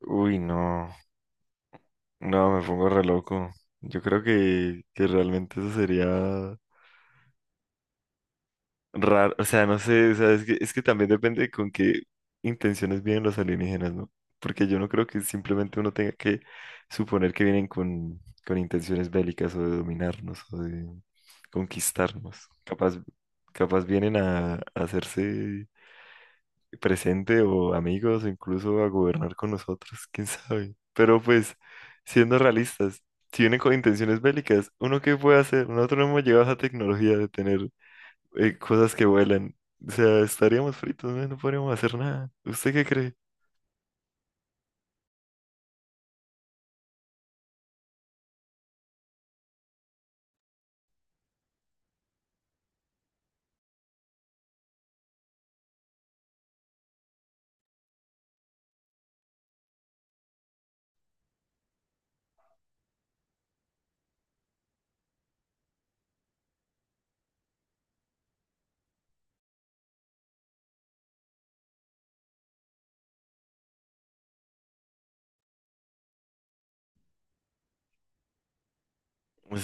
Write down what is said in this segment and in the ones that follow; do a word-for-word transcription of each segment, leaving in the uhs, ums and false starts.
Uy, no, no, me pongo re loco. Yo creo que, que realmente eso sería raro, o sea, no sé, o sea, es que, es que también depende con qué intenciones vienen los alienígenas, ¿no? Porque yo no creo que simplemente uno tenga que suponer que vienen con, con intenciones bélicas o de dominarnos o de conquistarnos. Capaz, capaz vienen a, a hacerse presente o amigos o incluso a gobernar con nosotros, quién sabe. Pero pues, siendo realistas, si vienen con intenciones bélicas, ¿uno qué puede hacer? Nosotros no hemos llegado a esa tecnología de tener eh, cosas que vuelan. O sea, estaríamos fritos, ¿no? No podríamos hacer nada. ¿Usted qué cree?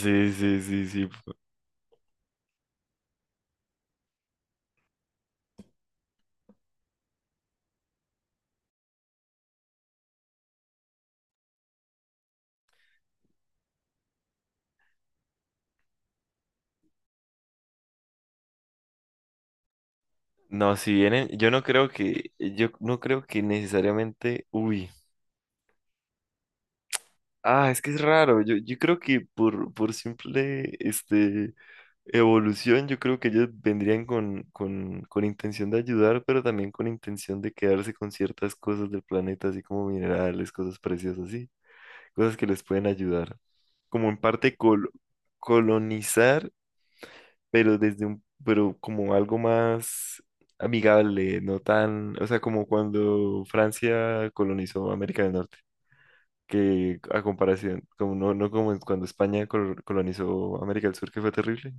Sí, sí, sí, sí. No, si vienen, yo no creo que, yo no creo que necesariamente, uy. Ah, es que es raro. Yo, yo creo que por, por simple este, evolución, yo creo que ellos vendrían con, con, con intención de ayudar, pero también con intención de quedarse con ciertas cosas del planeta, así como minerales, cosas preciosas, así, cosas que les pueden ayudar. Como en parte col- colonizar, pero desde un, pero como algo más amigable, no tan, o sea, como cuando Francia colonizó América del Norte que a comparación, como no, no como cuando España col- colonizó América del Sur, que fue terrible.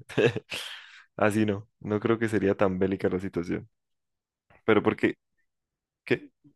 Así no, no creo que sería tan bélica la situación. Pero porque, ¿qué? ¿Qué?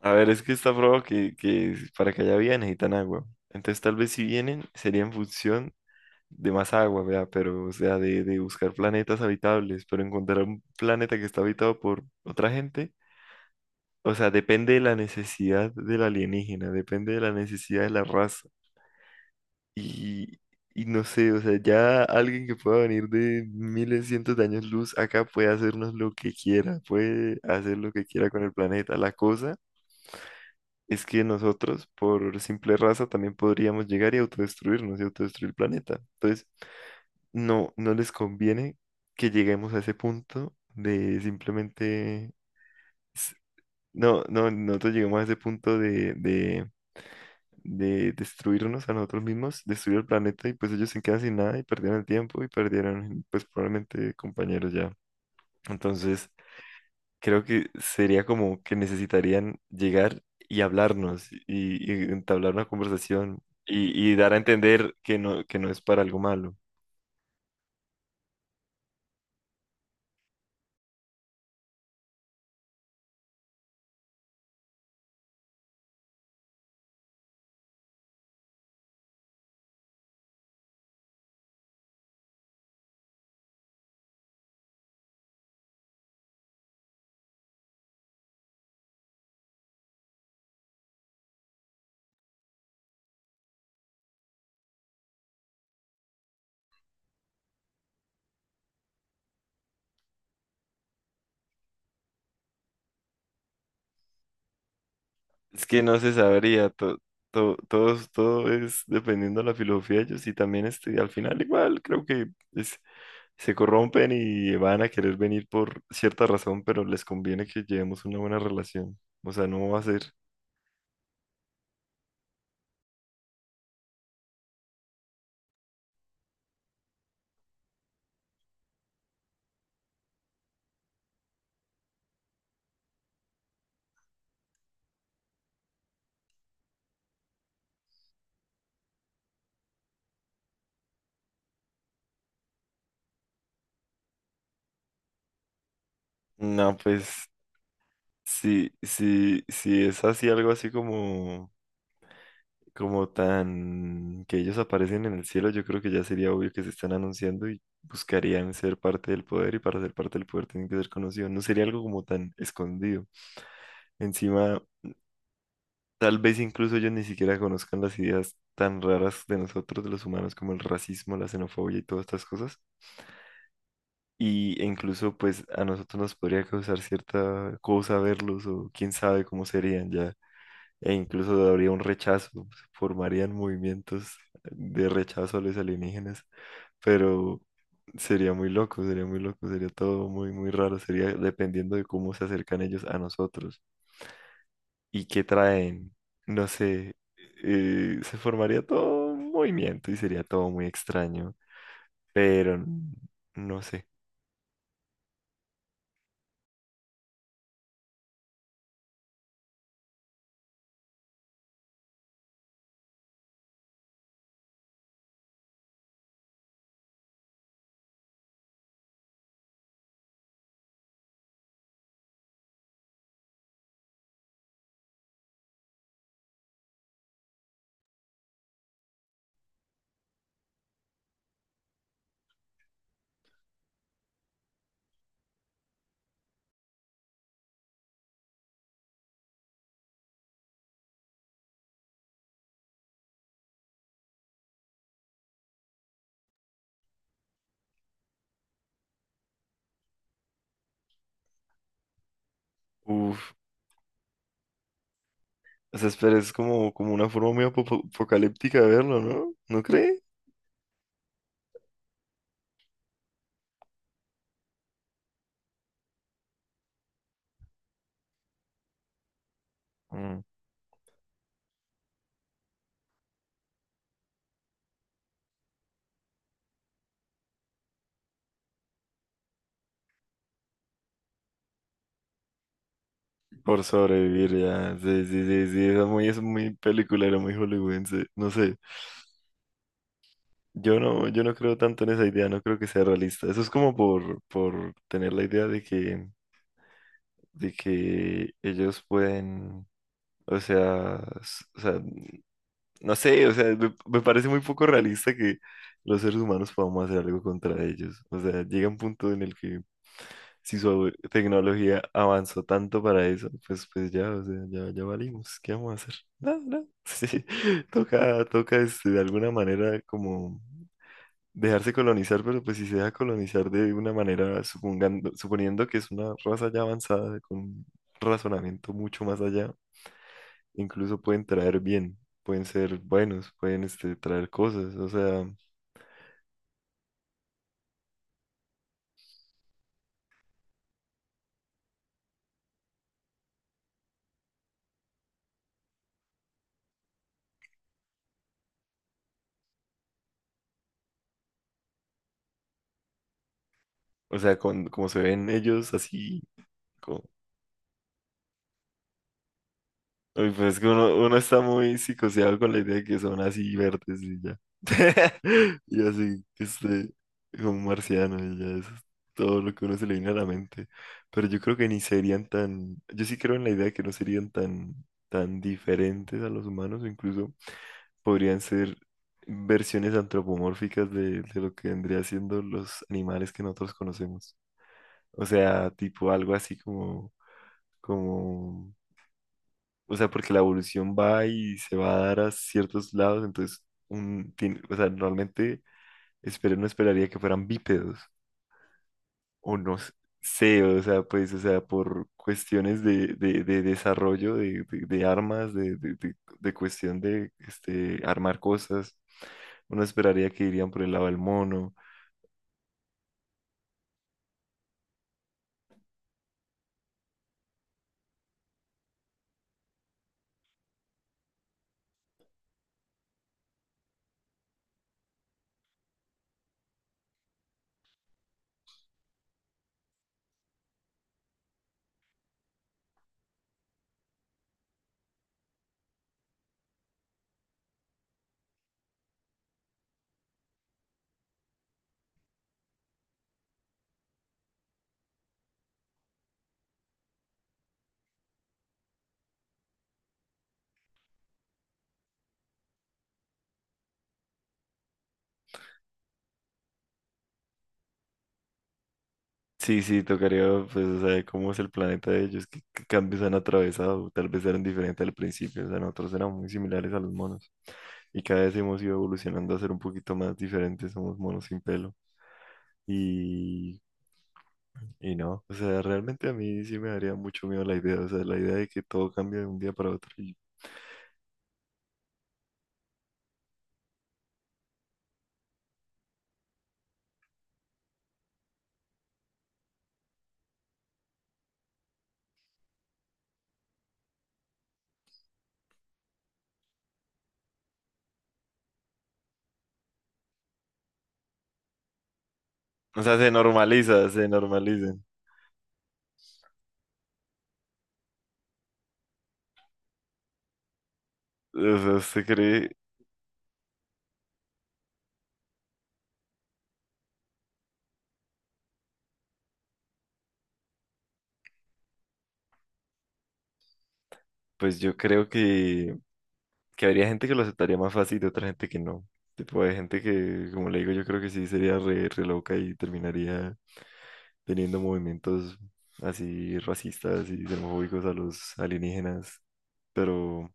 A ver, es que está probado que, que para que haya vida necesitan agua. Entonces tal vez si vienen sería en función de más agua, vea, pero o sea, de, de buscar planetas habitables, pero encontrar un planeta que está habitado por otra gente. O sea, depende de la necesidad del alienígena, depende de la necesidad de la raza. Y, y no sé, o sea, ya alguien que pueda venir de miles, cientos de años luz acá puede hacernos lo que quiera, puede hacer lo que quiera con el planeta. La cosa es que nosotros, por simple raza, también podríamos llegar y autodestruirnos y autodestruir el planeta. Entonces, no, no les conviene que lleguemos a ese punto de simplemente... s- No, no, nosotros llegamos a ese punto de, de de destruirnos a nosotros mismos, destruir el planeta y pues ellos se quedan sin nada y perdieron el tiempo y perdieron pues probablemente compañeros ya. Entonces creo que sería como que necesitarían llegar y hablarnos y, y entablar una conversación y, y dar a entender que no, que no es para algo malo. Es que no se sabría, to- to- todo, todo es dependiendo de la filosofía de ellos y también este, al final igual creo que... es se corrompen y van a querer venir por cierta razón, pero les conviene que llevemos una buena relación. O sea, no va a ser. No, pues si, si, si es así algo así como, como tan que ellos aparecen en el cielo, yo creo que ya sería obvio que se están anunciando y buscarían ser parte del poder y para ser parte del poder tienen que ser conocidos. No sería algo como tan escondido. Encima, tal vez incluso ellos ni siquiera conozcan las ideas tan raras de nosotros, de los humanos, como el racismo, la xenofobia y todas estas cosas. Y e incluso pues a nosotros nos podría causar cierta cosa verlos o quién sabe cómo serían ya. E incluso habría un rechazo, se formarían movimientos de rechazo a los alienígenas. Pero sería muy loco, sería muy loco, sería todo muy, muy raro. Sería dependiendo de cómo se acercan ellos a nosotros y qué traen. No sé, eh, se formaría todo un movimiento y sería todo muy extraño. Pero n- no sé. Uf. O sea, espera, es como, como una forma muy apo- apocalíptica de verlo, ¿no? ¿No cree? Mm. Por sobrevivir, ya. Sí, sí, sí, sí. Es muy, es muy peliculero, muy hollywoodense. No sé. Yo no, yo no creo tanto en esa idea, no creo que sea realista. Eso es como por, por tener la idea de que, de que ellos pueden, o sea, s- o sea, no sé, o sea, me, me parece muy poco realista que los seres humanos podamos hacer algo contra ellos. O sea, llega un punto en el que si su tecnología avanzó tanto para eso, pues, pues ya, o sea, ya, ya valimos. ¿Qué vamos a hacer? No, no. Sí, toca, toca este, de alguna manera como dejarse colonizar, pero pues si se deja colonizar de una manera, supongando, suponiendo que es una raza ya avanzada, con un razonamiento mucho más allá incluso pueden traer bien, pueden ser buenos, pueden este, traer cosas, o sea, o sea, con- como se ven ellos así, como, uy, pues es que uno, uno está muy psicoseado con la idea de que son así verdes y ya, y así, este, como un marciano y ya, eso es todo lo que uno se le viene a la mente, pero yo creo que ni serían tan, yo sí creo en la idea de que no serían tan, tan diferentes a los humanos, incluso podrían ser versiones antropomórficas de, de lo que vendría siendo los animales que nosotros conocemos. O sea, tipo algo así como, como, o sea, porque la evolución va y se va a dar a ciertos lados, entonces, un, tien- o sea, normalmente espero, no esperaría que fueran bípedos, o no s- sé, o sea, pues, o sea, por cuestiones de, de, de desarrollo de, de- de armas, de, de, de- de cuestión de este, armar cosas, uno esperaría que irían por el lado del mono. Sí, sí, tocaría, pues, o sea, cómo es el planeta de ellos, qué, qué cambios han atravesado, tal vez eran diferentes al principio, o sea, nosotros éramos muy similares a los monos y cada vez hemos ido evolucionando a ser un poquito más diferentes, somos monos sin pelo. Y Y no, o sea, realmente a mí sí me daría mucho miedo la idea, o sea, la idea de que todo cambie de un día para otro. y- O sea, se normaliza, se normaliza. O sea, se cree, pues yo creo que, que habría gente que lo aceptaría más fácil y otra gente que no. Tipo, hay gente que, como le digo, yo creo que sí sería re, re loca y terminaría teniendo movimientos así racistas y xenofóbicos a los alienígenas. Pero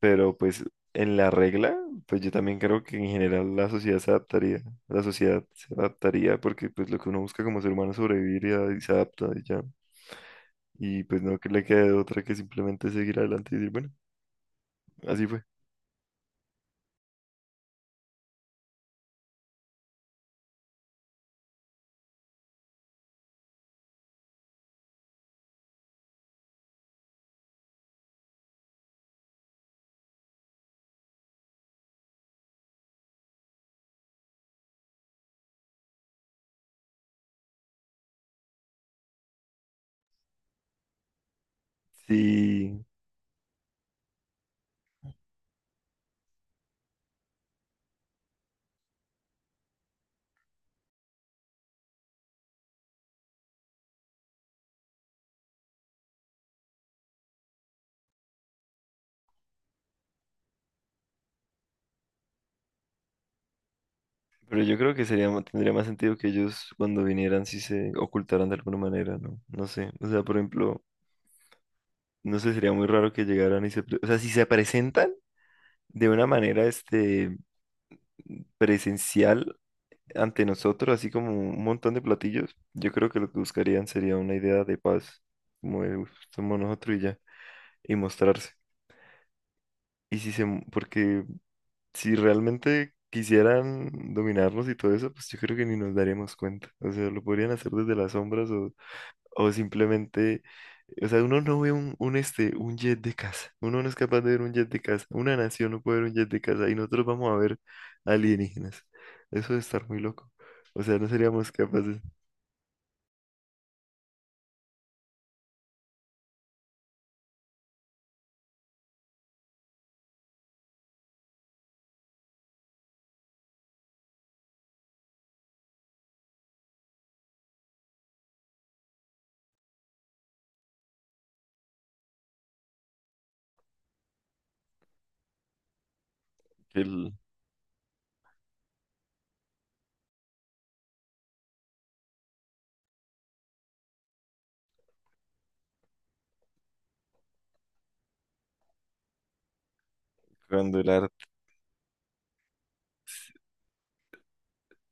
pero pues en la regla, pues yo también creo que en general la sociedad se adaptaría, la sociedad se adaptaría porque pues lo que uno busca como ser humano es sobrevivir y, a- y se adapta y ya. Y pues no que le quede otra que simplemente seguir adelante y decir, bueno, así fue. Sí, pero yo creo que sería, ma- tendría más sentido que ellos cuando vinieran si se ocultaran de alguna manera, ¿no? No sé, o sea, por ejemplo, no sé, sería muy raro que llegaran y se, pre- o sea, si se presentan de una manera, este, presencial ante nosotros, así como un montón de platillos, yo creo que lo que buscarían sería una idea de paz, como de, "Uf, somos nosotros y ya, y mostrarse". Y si se, m- porque si realmente quisieran dominarnos y todo eso, pues yo creo que ni nos daríamos cuenta. O sea, lo podrían hacer desde las sombras o, o simplemente, o sea, uno no ve un, un, este, un jet de casa. Uno no es capaz de ver un jet de casa. Una nación no puede ver un jet de casa y nosotros vamos a ver alienígenas. Eso de estar muy loco. O sea, no seríamos capaces. que el- Cuando el arte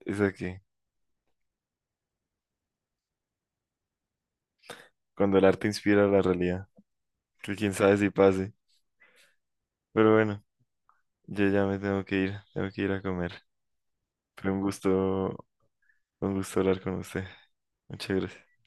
es aquí, cuando el arte inspira la realidad, que quién sabe si pase. Pero bueno, yo ya me tengo que ir, tengo que ir a comer. Fue un gusto, un gusto hablar con usted. Muchas gracias.